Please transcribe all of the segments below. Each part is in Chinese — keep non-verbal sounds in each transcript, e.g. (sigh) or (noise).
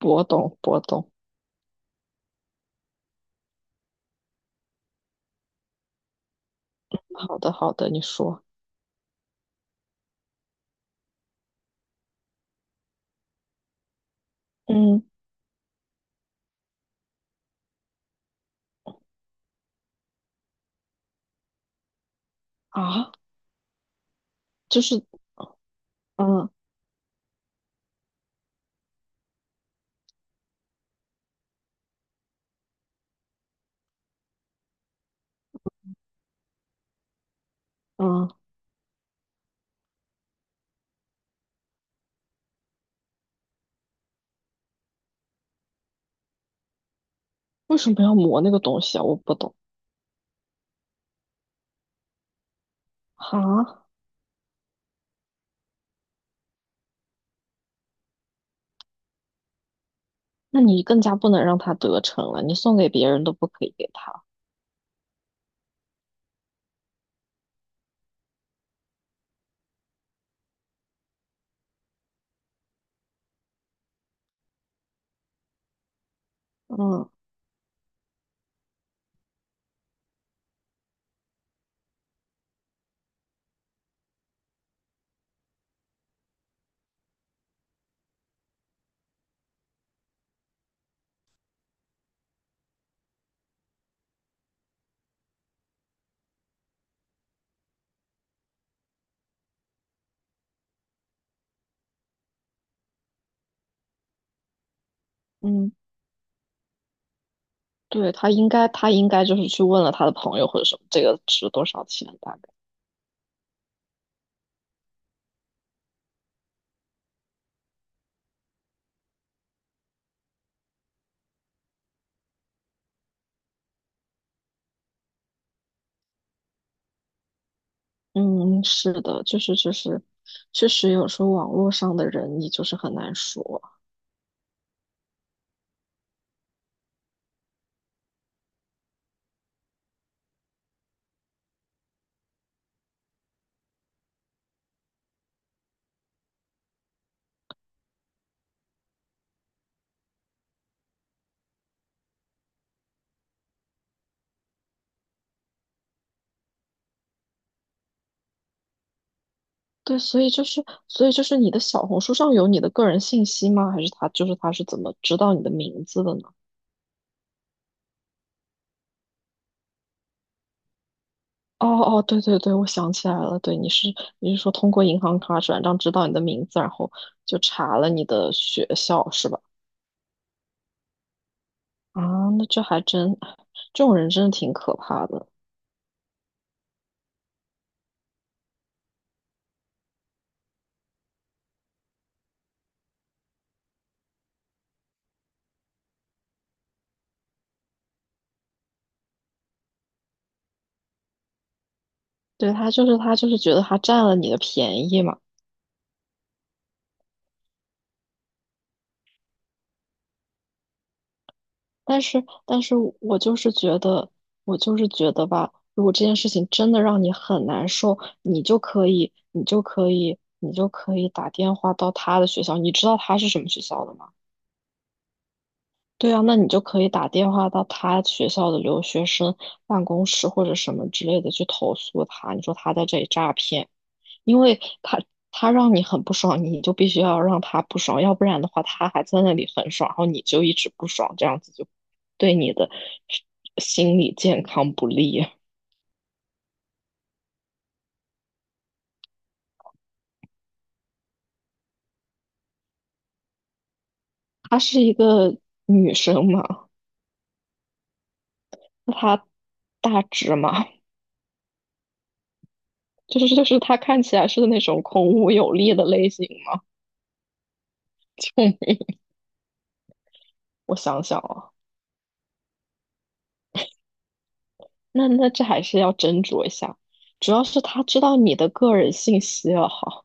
我懂，我懂。好的，好的，你说。嗯啊，就是嗯嗯，为什么要磨那个东西啊？我不懂。啊，那你更加不能让他得逞了，你送给别人都不可以给他。嗯嗯，对，他应该就是去问了他的朋友或者什么，这个值多少钱大概。嗯，是的，就是，确实有时候网络上的人你就是很难说。对，所以就是你的小红书上有你的个人信息吗？还是他是怎么知道你的名字的呢？哦哦，对对对，我想起来了，对，你是说通过银行卡转账知道你的名字，然后就查了你的学校是吧？啊，那这还真，这种人真的挺可怕的。对，他就是觉得他占了你的便宜嘛。但是我就是觉得吧，如果这件事情真的让你很难受，你就可以打电话到他的学校。你知道他是什么学校的吗？对啊，那你就可以打电话到他学校的留学生办公室或者什么之类的去投诉他，你说他在这里诈骗。因为他让你很不爽，你就必须要让他不爽，要不然的话，他还在那里很爽，然后你就一直不爽，这样子就对你的心理健康不利。她是一个女生嘛，她大只嘛，就是她看起来是那种孔武有力的类型嘛。(laughs) 嗯，我想想啊，那这还是要斟酌一下，主要是她知道你的个人信息了哈，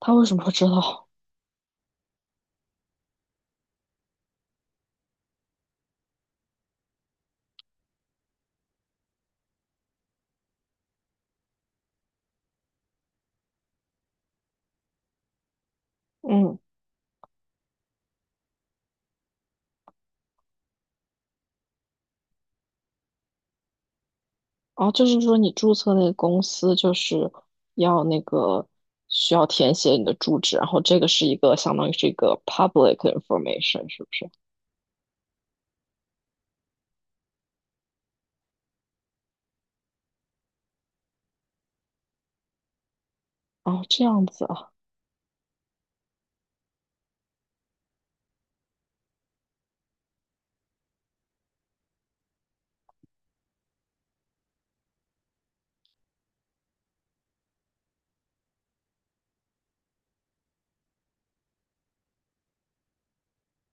她为什么会知道？嗯。哦，就是说你注册那个公司就是要那个需要填写你的住址，然后这个是一个相当于是一个 public information，是不是？哦，这样子啊，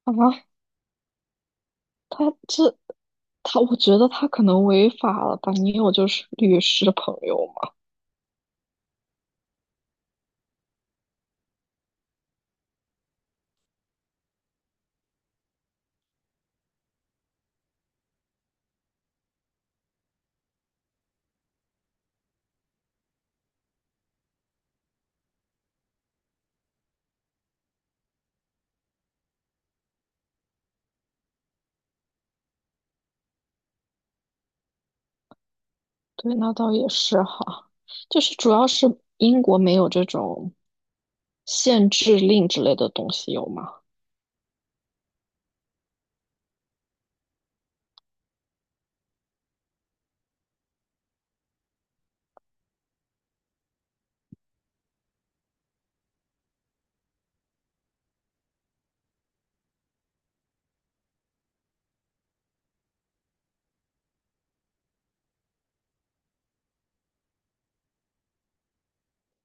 好吧，他这他，我觉得他可能违法了吧？你有就是律师朋友吗？对，那倒也是哈，就是主要是英国没有这种限制令之类的东西，有吗？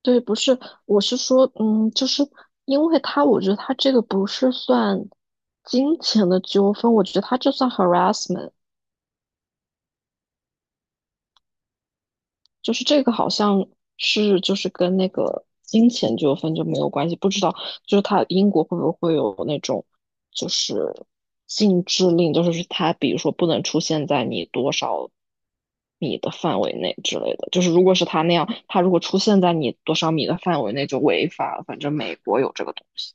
对，不是，我是说，就是因为他，我觉得他这个不是算金钱的纠纷，我觉得他这算 harassment，就是这个好像是就是跟那个金钱纠纷就没有关系，不知道就是他英国会不会有那种就是禁制令，就是他比如说不能出现在你多少米的范围内之类的，就是如果是他那样，他如果出现在你多少米的范围内就违法了，反正美国有这个东西。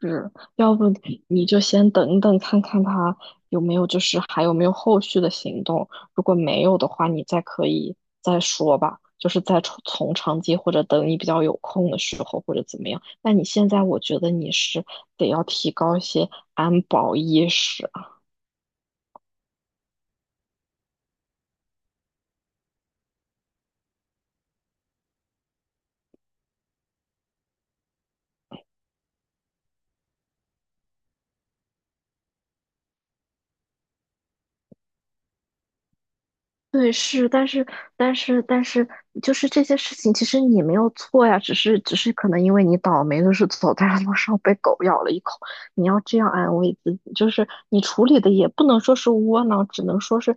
是，要不你就先等等看看他有没有，就是还有没有后续的行动。如果没有的话，你再可以再说吧，就是再从长计，或者等你比较有空的时候，或者怎么样。那你现在，我觉得你是得要提高一些安保意识。对，是，但是，就是这些事情，其实你没有错呀，只是可能因为你倒霉，的是走在路上被狗咬了一口，你要这样安慰自己，就是你处理的也不能说是窝囊，只能说是，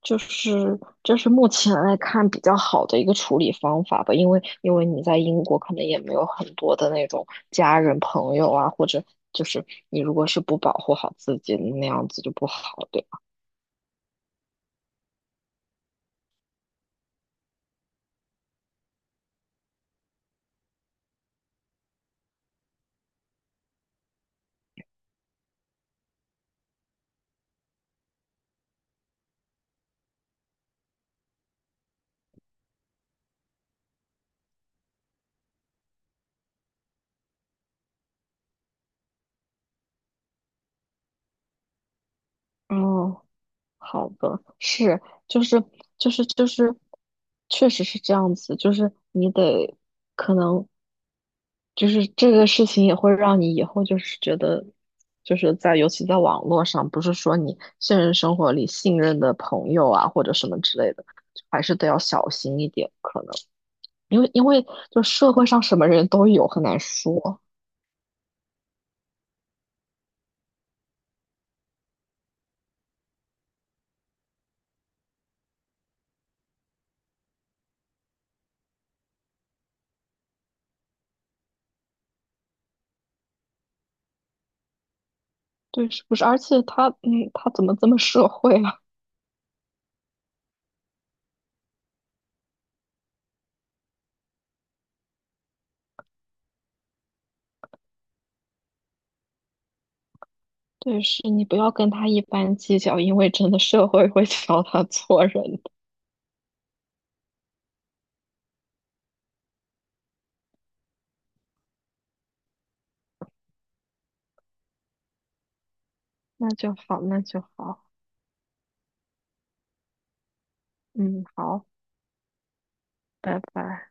就是就是目前来看比较好的一个处理方法吧，因为你在英国可能也没有很多的那种家人朋友啊，或者就是你如果是不保护好自己，那样子就不好，对吧？哦。好的，是，就是就是，确实是这样子，就是你得可能就是这个事情也会让你以后就是觉得，就是在尤其在网络上，不是说你现实生活里信任的朋友啊或者什么之类的，还是得要小心一点，可能因为就社会上什么人都有，很难说，对，是不是？而且他嗯，他怎么这么社会？啊？对，是你不要跟他一般计较，因为真的社会会 (laughs) 教他做人的。那就好，那就好，嗯，好，拜拜。